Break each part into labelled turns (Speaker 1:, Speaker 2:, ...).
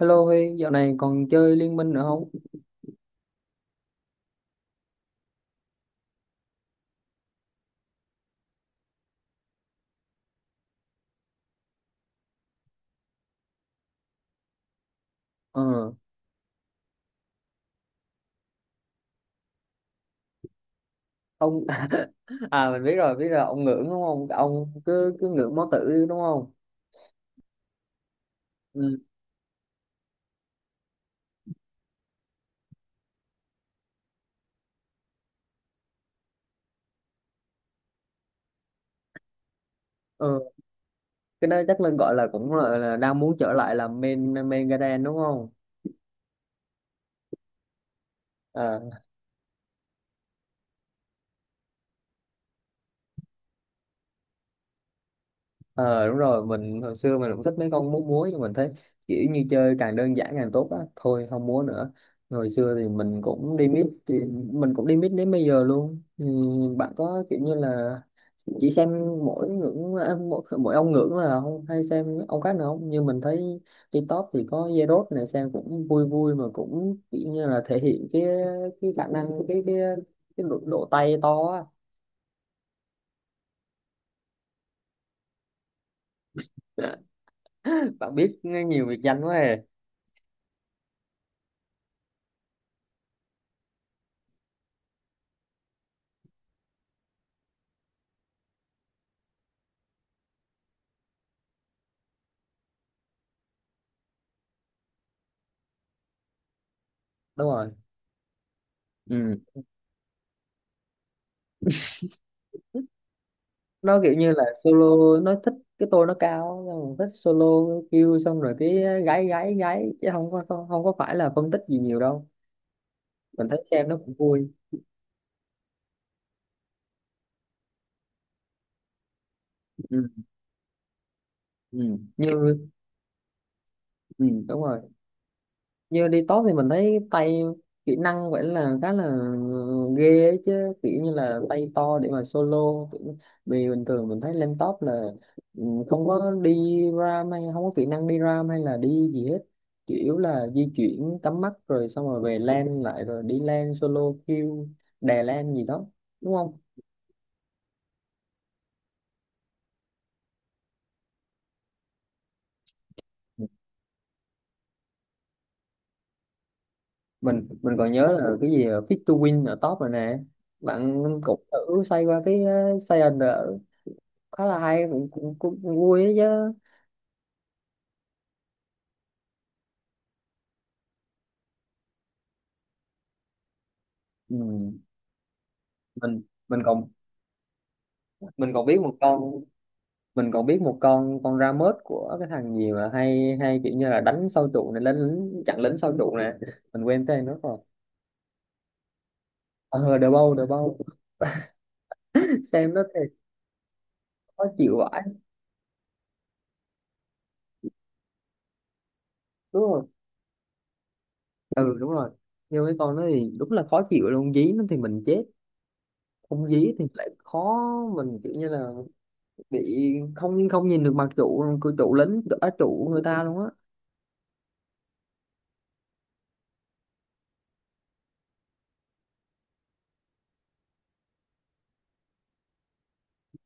Speaker 1: Hello Huy, dạo này còn chơi Liên Minh nữa không? Ờ, ông à mình biết rồi, ông ngưỡng đúng không? Ông cứ cứ ngưỡng máu tử đúng không? Ừ. Ờ, cái đó chắc Linh gọi là cũng là đang muốn trở lại làm main main Garden đúng không? Ờ, Ờ đúng rồi, mình hồi xưa mình cũng thích mấy con múa múa nhưng mình thấy kiểu như chơi càng đơn giản càng tốt á, thôi không múa nữa. Hồi xưa thì mình cũng đi mít thì mình cũng đi mít đến bây giờ luôn. Ừ, bạn có kiểu như là chỉ xem mỗi ngưỡng à, mỗi ông ngưỡng là không hay xem ông khác nữa không? Như mình thấy đi top thì có Zerod này xem cũng vui vui mà cũng kiểu như là thể hiện cái khả năng cái cái độ, độ tay to á. Bạn biết nhiều biệt danh quá à. Đúng rồi. Ừ. Nó kiểu như là solo, nó thích cái tôi nó cao xong rồi thích solo kêu xong rồi cái gái gái gái chứ không có không có phải là phân tích gì nhiều đâu, mình thấy xem nó cũng vui. Ừ. Ừ. như ừ, đúng rồi, như đi top thì mình thấy tay kỹ năng vậy là khá là ghê ấy chứ, kiểu như là tay to để mà solo. Kiểu- vì bình thường mình thấy lên top là ừ, không có đi ram hay không có kỹ năng đi ram hay là đi gì hết, chủ yếu là di chuyển cắm mắt rồi xong rồi về lane lại rồi đi lane solo kill đè lane gì đó, đúng không? Mình còn nhớ là cái gì fit to win ở top rồi nè, bạn cũng thử xoay qua cái Saiyan khá là hay, cũng vui ấy chứ. Ừ. mình mình còn mình còn biết một con mình còn biết một con ra mớt của cái thằng gì mà hay hay kiểu như là đánh sâu trụ này, đánh lính chặn lính sâu trụ nè, mình quên tên nó rồi. Ờ đờ bâu đờ bâu. Xem nó thì khó chịu vãi. Đúng rồi. Ừ đúng rồi, nhưng cái con nó thì đúng là khó chịu luôn, dí nó thì mình chết, không dí thì lại khó, mình kiểu như là bị không không nhìn được mặt trụ cửa trụ lính ở trụ người ta luôn á.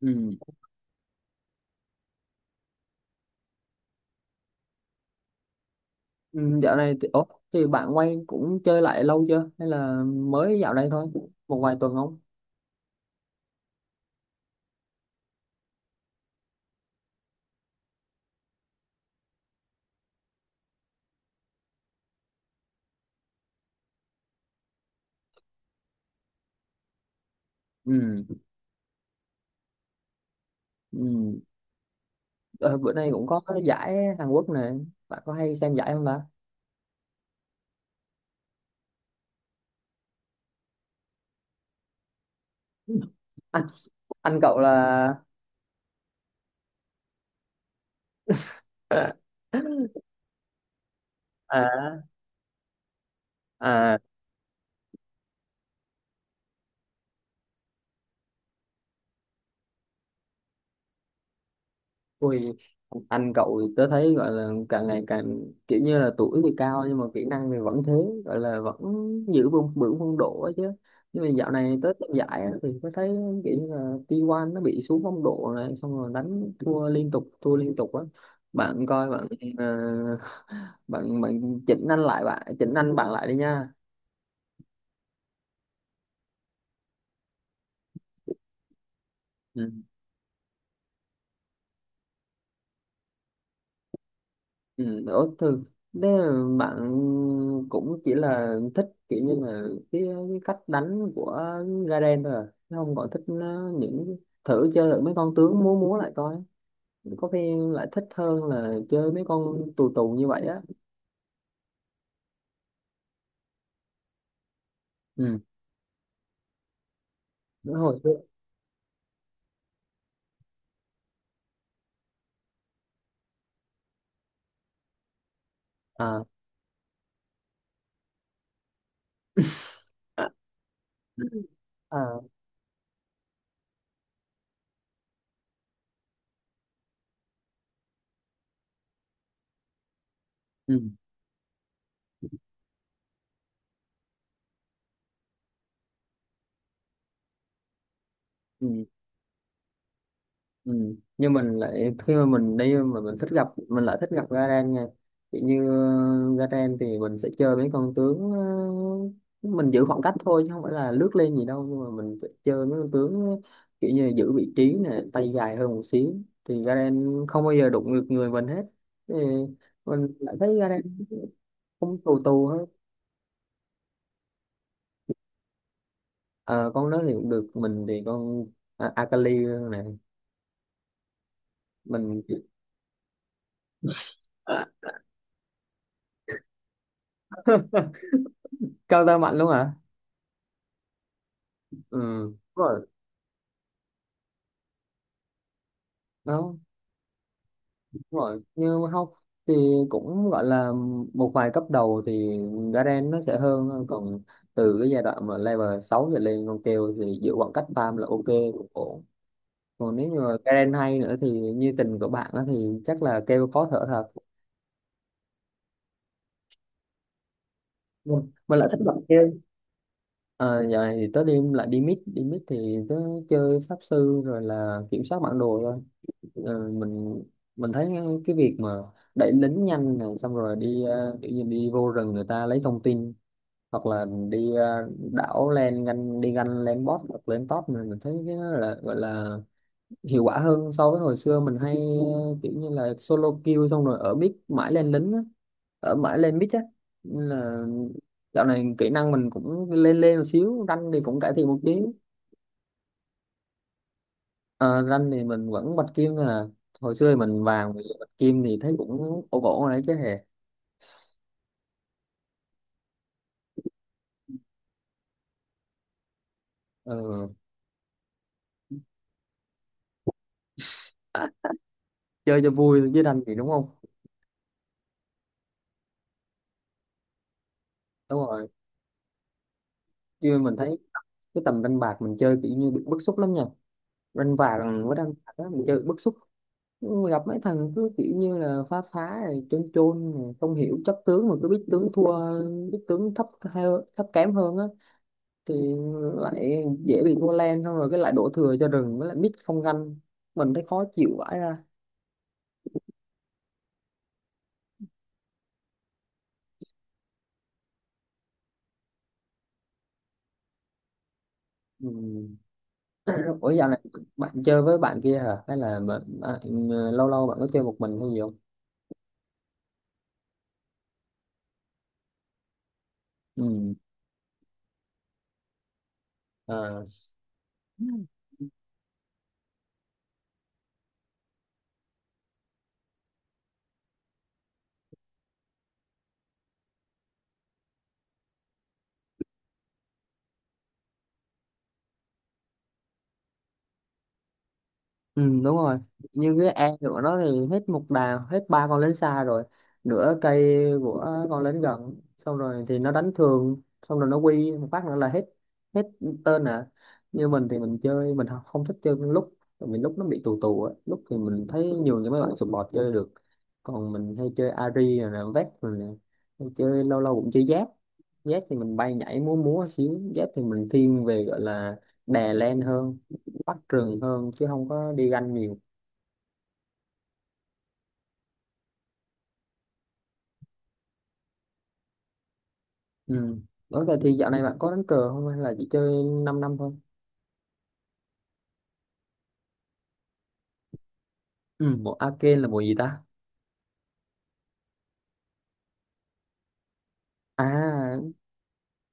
Speaker 1: Ừ. Ừ, dạo này thì, ủa, thì bạn quay cũng chơi lại lâu chưa hay là mới dạo đây thôi, một vài tuần không? Ừ, ừ. Ờ, bữa nay cũng có cái giải Hàn Quốc nè, bạn có hay xem giải không ta? anh anh cậu là à, à. Ui, anh cậu thì tớ thấy gọi là càng ngày càng kiểu như là tuổi thì cao nhưng mà kỹ năng thì vẫn thế, gọi là vẫn giữ vững vững phong độ ấy chứ, nhưng mà dạo này tới tập giải á, thì có thấy kiểu như là T1 nó bị xuống phong độ này xong rồi đánh thua liên tục á, bạn coi bạn ờ, bạn bạn chỉnh anh lại, bạn chỉnh anh bạn lại đi nha. Ừ. Ừ, ủa, thường thế là bạn cũng chỉ là thích kiểu như là cái, cái cách đánh của Garen thôi à? Chứ không còn thích nó- những thử chơi thử mấy con tướng múa múa lại coi, có khi lại thích hơn là chơi mấy con tù tù như vậy á. Ừ đúng rồi. À. À, à. Ừ. Ừ. Ừ. Nhưng mình lại khi mà mình đi mà mình thích gặp, mình lại thích gặp Garen nha, kiểu như ờ, Garen thì mình sẽ chơi mấy con tướng ờ, mình giữ khoảng cách thôi chứ không phải là lướt lên gì đâu, nhưng mà mình sẽ chơi mấy con tướng kiểu như giữ vị trí nè, tay dài hơn một xíu, thì Garen không bao giờ đụng được người mình hết, thì mình lại thấy Garen không tù tù hết. Ờ, con đó thì cũng được, mình thì con à, Akali này, mình cao tơ mạnh luôn hả? Ừ đúng rồi. Đó. Đúng rồi, như học thì cũng gọi là một vài cấp đầu thì Garen nó sẽ hơn, còn từ cái giai đoạn mà level 6 trở lên, con kêu thì giữ khoảng cách farm là ok, cũng ổn, còn nếu như mà Garen hay nữa thì như tình của bạn á thì chắc là kêu khó thở thật. Vâng. Mình lại thích gặp kêu. À, giờ này thì tới đêm lại đi mid, đi mid thì tớ chơi pháp sư rồi là kiểm soát bản đồ thôi. Ờ, mình thấy cái việc mà đẩy lính nhanh này xong rồi đi ờ, kiểu như đi vô rừng người ta lấy thông tin hoặc là đi ờ, đảo lên ganh, đi ganh lên bot hoặc lên top, mình thấy cái đó là gọi là hiệu quả hơn so với hồi xưa mình hay ờ, kiểu như là solo kill xong rồi ở mid mãi lên lính á, ở mãi lên mid á. Nên là dạo này kỹ năng mình cũng lên lên một xíu, rank thì cũng cải thiện một tí. Ờ, rank thì mình vẫn bạch kim, là hồi xưa thì mình vàng, bây giờ bạch kim thì thấy cũng ổn ổn rồi đấy chứ hề. Ờ, chơi cho vui chứ rank thì đúng không? Đúng rồi. Chứ mình thấy cái tầm đánh bạc mình chơi kiểu như bị bức xúc lắm nha, đánh bạc với đánh bạc đó, mình chơi bị bức xúc, gặp mấy thằng cứ kiểu như là phá phá rồi chôn chôn rồi không hiểu chất tướng mà cứ biết tướng thua, biết tướng thấp hơn- thấp kém hơn á, thì lại dễ bị thua len xong rồi cái lại đổ thừa cho rừng với lại mít không ganh, mình thấy khó chịu vãi ra. Ừ. Ủa dạo này bạn chơi với bạn kia hả, hay là bạn, à, lâu lâu bạn có chơi một mình hay gì không? Ừ. À. Ừ, đúng rồi, như cái e của nó thì hết một đàn, hết ba con lính xa rồi nửa cây của con lính gần, xong rồi thì nó đánh thường xong rồi nó quy một phát nữa là hết, hết tên à. Như mình thì mình chơi, mình không không thích chơi con lúc, tại vì lúc nó bị tù tù á, lúc thì mình thấy nhường cho mấy bạn support chơi được, còn mình hay chơi Ari rồi nè, Vec rồi nè, hay chơi, lâu lâu cũng chơi Zed. Zed thì mình bay nhảy múa múa xíu, Zed thì mình thiên về gọi là đè lên hơn, bắt trường hơn chứ không có đi ganh nhiều. Ừ. Ủa vậy thì dạo này bạn có đánh cờ không hay là chỉ chơi 5 năm năm thôi? Ừ. Mùa arcade là mùa gì ta? À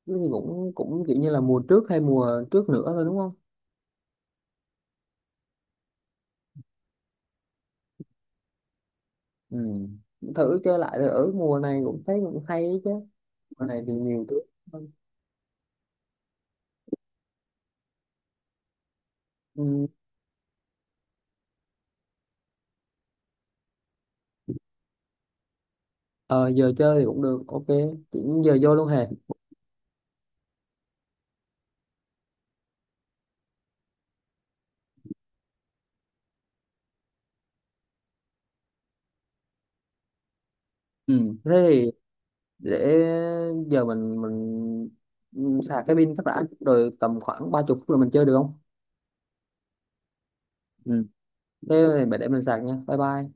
Speaker 1: cái gì cũng cũng kiểu như là mùa trước hay mùa trước nữa thôi đúng không? Ừ. Thử chơi lại rồi ở mùa này cũng thấy cũng hay ấy chứ, mùa này thì nhiều thứ hơn. Ừ. Ờ, giờ chơi thì cũng được ok, chỉ giờ vô luôn hề. Ừ. Thế thì để giờ mình sạc cái pin phát đã rồi tầm khoảng 30 phút là mình chơi được không? Ừ. Thế để mình sạc nha, bye bye.